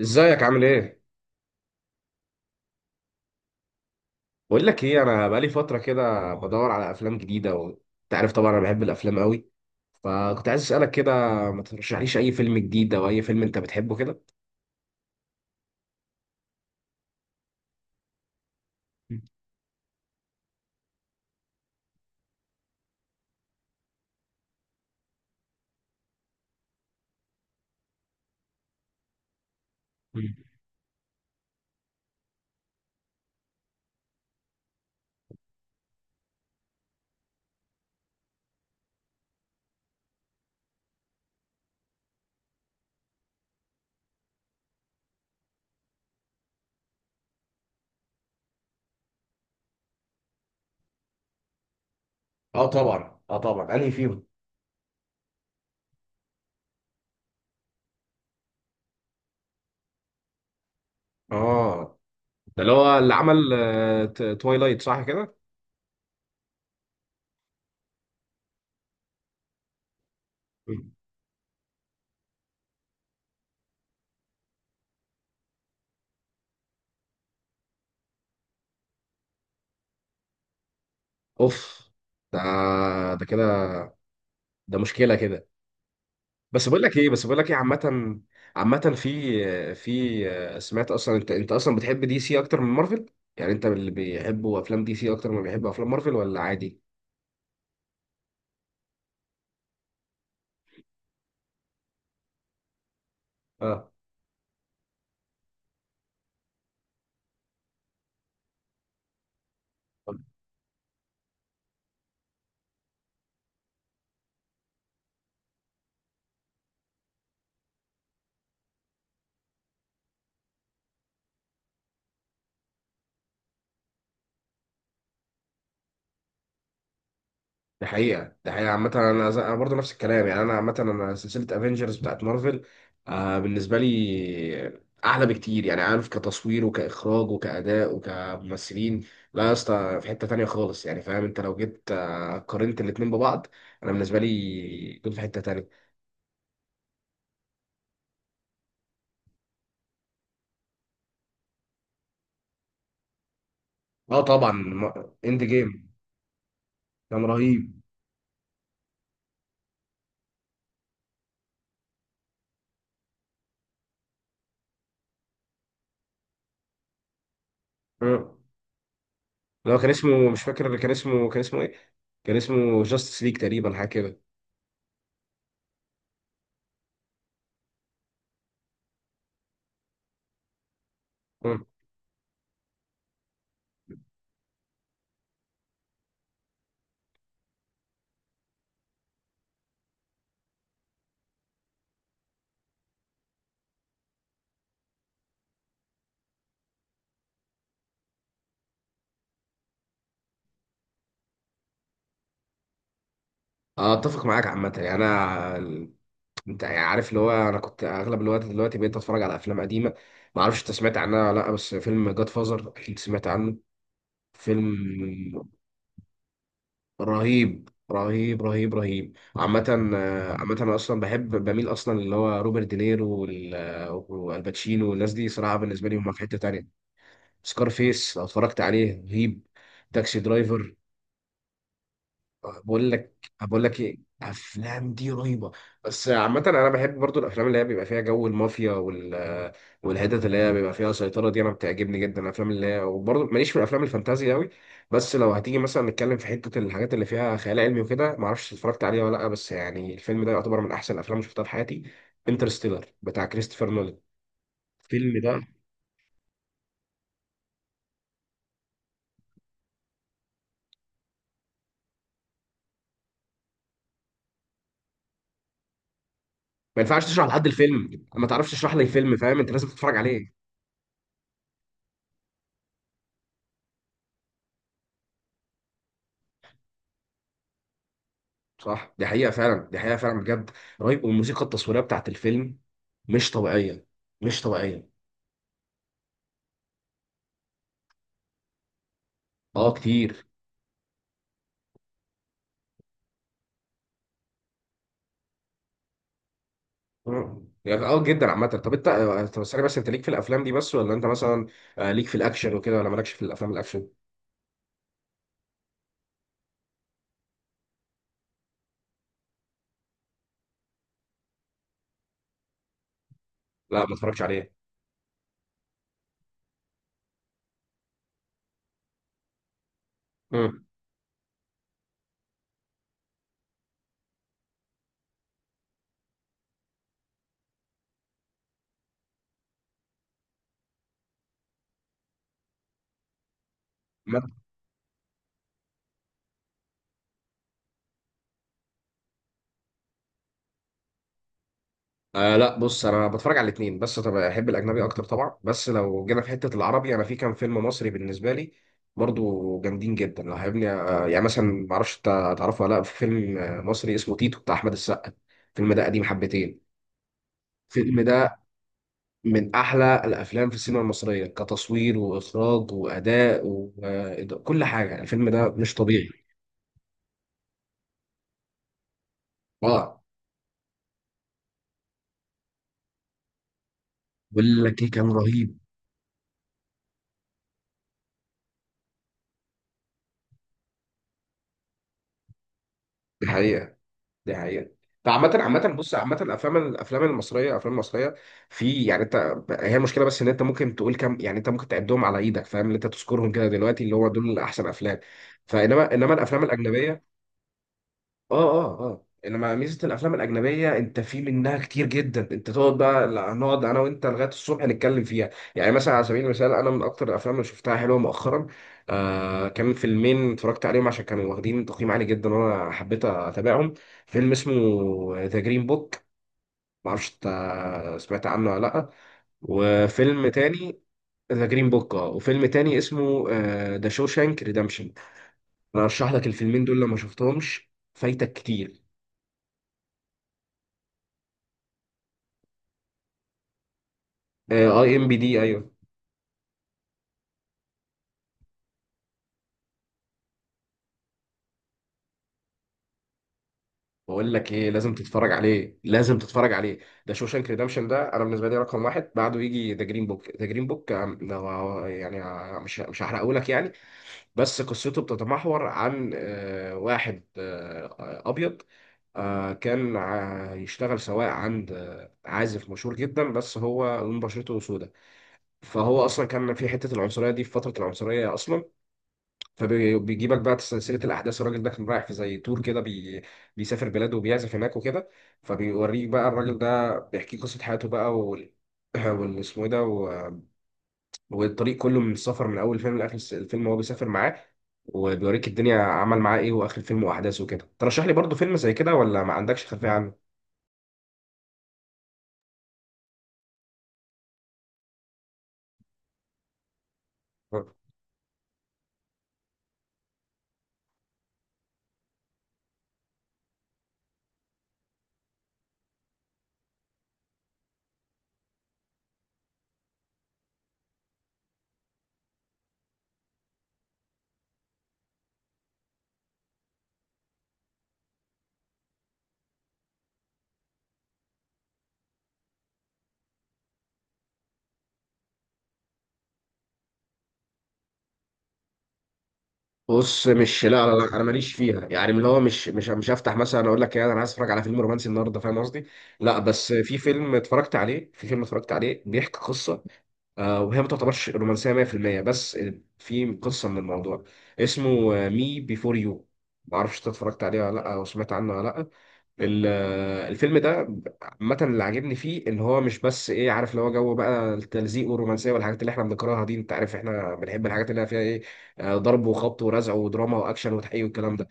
ازيك عامل ايه؟ بقول لك ايه، انا بقالي فترة كده بدور على افلام جديدة، وانت عارف طبعا انا بحب الافلام قوي، فكنت عايز اسالك كده، ما ترشحليش اي فيلم جديد او اي فيلم انت بتحبه كده؟ مم. اه طبعا، اه طبعا، انهي فيهم؟ اه، ده اللي هو اللي عمل توايلايت، صح كده؟ مم. اوف. ده ده كده، ده مشكلة كده. بس بقول لك ايه عامة، عامة، في سمعت اصلا، انت اصلا بتحب دي سي اكتر من مارفل؟ يعني انت اللي بيحبوا افلام دي سي اكتر ما بيحبوا افلام مارفل ولا عادي؟ اه. ده حقيقة عامة، أنا برضه نفس الكلام، يعني أنا عامة أنا سلسلة أفينجرز بتاعت مارفل، بالنسبة لي أحلى بكتير، يعني عارف، كتصوير وكإخراج وكأداء وكممثلين، لا يا اسطى، في حتة تانية خالص، يعني فاهم، أنت لو جيت قارنت الاتنين ببعض، أنا بالنسبة لي دول في حتة تانية. اه طبعا، اند جيم. كان رهيب. آه. لو كان اسمه مش فاكر، اللي كان اسمه ايه؟ كان اسمه جاستس ليج تقريبا، حاجه كده. آه. اتفق معاك عامه، يعني انا انت يعني عارف اللي هو انا كنت اغلب الوقت، دلوقتي بقيت اتفرج على افلام قديمه، ما اعرفش انت سمعت عنها ولا لا، بس فيلم جاد فازر اكيد سمعت عنه. فيلم رهيب رهيب رهيب رهيب، عامة عامة أنا أصلا بحب بميل أصلا اللي هو روبرت دينيرو والباتشينو والناس دي، صراحة بالنسبة لي هم في حتة تانية. سكارفيس لو اتفرجت عليه رهيب. تاكسي درايفر. بقول لك بقول لك ايه، الافلام دي رهيبه. بس عامه انا بحب برضو الافلام اللي هي بيبقى فيها جو المافيا، والحتت اللي هي بيبقى فيها سيطره دي انا بتعجبني جدا، الافلام اللي هي وبرضو ماليش في الافلام الفانتازي قوي. بس لو هتيجي مثلا نتكلم في حته الحاجات اللي فيها خيال علمي وكده، ما اعرفش اتفرجت عليها ولا لا، بس يعني الفيلم ده يعتبر من احسن الافلام اللي شفتها في حياتي، انترستيلر بتاع كريستوفر نولان. الفيلم ده ما ينفعش تشرح لحد الفيلم، ما تعرفش تشرح لي الفيلم، فاهم، انت لازم تتفرج عليه. صح، دي حقيقة فعلا، دي حقيقة فعلا، بجد رهيب، والموسيقى التصويرية بتاعت الفيلم مش طبيعية، مش طبيعية. اه كتير. مم. يعني اه جدا عامة، طب ثانية، بس انت ليك في الافلام دي بس ولا انت مثلا ليك في الاكشن وكده، ولا مالكش في الافلام الاكشن؟ لا ما اتفرجتش عليها. مم. لا بص، انا بتفرج على الاثنين، بس طبعا احب الاجنبي اكتر طبعا، بس لو جينا في حته العربي انا في كام فيلم مصري بالنسبه لي برضو جامدين جدا، لو هيبني يعني مثلا، ما اعرفش انت تعرفه ولا لا، في فيلم مصري اسمه تيتو بتاع احمد السقا، الفيلم ده قديم حبتين. الفيلم ده من احلى الافلام في السينما المصريه، كتصوير واخراج واداء وكل حاجه، الفيلم ده مش طبيعي. اه بقول لك ايه، كان رهيب. الحقيقه، دي حقيقة، ده عامة بص، عامة الأفلام المصرية، الأفلام المصرية، في يعني أنت، هي المشكلة بس إن أنت ممكن تقول كم، يعني أنت ممكن تعدهم على إيدك، فاهم، اللي أنت تذكرهم كده دلوقتي اللي هو دول أحسن أفلام، إنما الأفلام الأجنبية، اه اه اه، انما ميزه الافلام الاجنبيه انت في منها كتير جدا، انت تقعد بقى، لا، نقعد انا وانت لغايه الصبح نتكلم فيها. يعني مثلا على سبيل المثال، انا من اكتر الافلام اللي شفتها حلوه مؤخرا، كان فيلمين اتفرجت عليهم عشان كانوا واخدين تقييم عالي جدا وانا حبيت اتابعهم، فيلم اسمه ذا جرين بوك، معرفش انت سمعت عنه ولا لا، وفيلم تاني، ذا جرين بوك، اه، وفيلم تاني اسمه ذا شوشانك ريدمشن، انا ارشح لك الفيلمين دول، لما شفتهمش فايتك كتير. اي ام بي دي، ايوه. بقول لك ايه، لازم تتفرج عليه، لازم تتفرج عليه، ده شوشانك ريدمشن ده انا بالنسبه لي رقم واحد، بعده يجي ذا جرين بوك، ذا جرين بوك يعني مش هحرقه لك يعني، بس قصته بتتمحور عن واحد ابيض، كان يشتغل سواق عند عازف مشهور جدا، بس هو لون بشرته سوداء، فهو اصلا كان في حته العنصريه دي، في فتره العنصريه اصلا، فبيجيبك بقى سلسله الاحداث، الراجل ده كان رايح في زي تور كده، بيسافر بلاده وبيعزف هناك وكده، فبيوريك بقى الراجل ده بيحكي قصه حياته بقى، اسمه ايه ده والطريق كله من السفر، من اول فيلم لاخر الفيلم وهو بيسافر معاه، وبيوريك الدنيا عمل معاه ايه، واخر الفيلم واحداثه كده، ترشح لي برضه فيلم زي كده ولا ما عندكش خلفيه عنه؟ بص، مش لا لا لا، انا ماليش فيها، يعني اللي هو مش هفتح مثلا اقول لك ايه انا عايز اتفرج على فيلم رومانسي النهارده، فاهم قصدي. لا بس في فيلم اتفرجت عليه بيحكي قصه، وهي ما تعتبرش رومانسيه 100% بس، في قصه من الموضوع، اسمه مي بيفور يو، ما اعرفش انت اتفرجت عليه ولا لا او سمعت عنه ولا لا، ال- الفيلم ده عامة اللي عاجبني فيه ان هو مش بس ايه، عارف اللي هو جو بقى التلزيق والرومانسية والحاجات اللي احنا بنكرهها دي، انت عارف احنا بنحب الحاجات اللي فيها ايه، ضرب وخبط ورزع ودراما واكشن وتحقيق والكلام ده،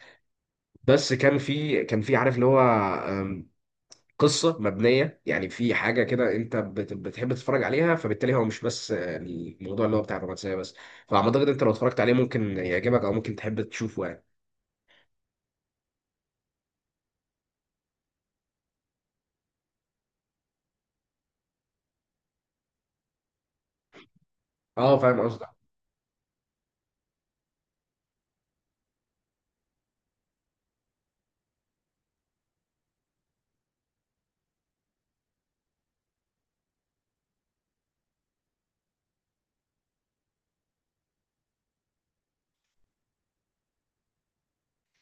بس كان في عارف اللي هو آم، قصة مبنية، يعني في حاجة كده انت بتحب تتفرج عليها، فبالتالي هو مش بس الموضوع اللي هو بتاع الرومانسية بس، فاعتقد انت لو اتفرجت عليه ممكن يعجبك او ممكن تحب تشوفه يعني. اه فاهم قصدك،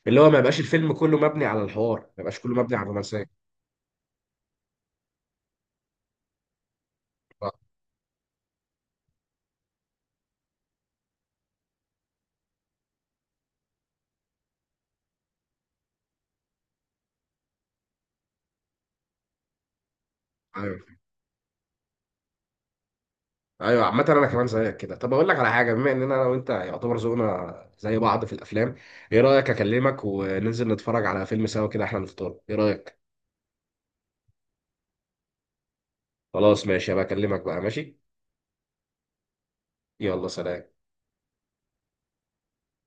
اللي هو ما يبقاش الفيلم كله مبني على الحوار، ما يبقاش كله مبني على الرومانسية. ايوه ايوه، عامة انا كمان زيك كده، طب اقول لك على حاجة، بما اننا انا وانت يعتبر ذوقنا زي بعض في الافلام، ايه رأيك اكلمك وننزل نتفرج على فيلم سوا كده احنا نفطر، ايه رأيك؟ خلاص ماشي، هبقى اكلمك بقى، ماشي. يلا سلام.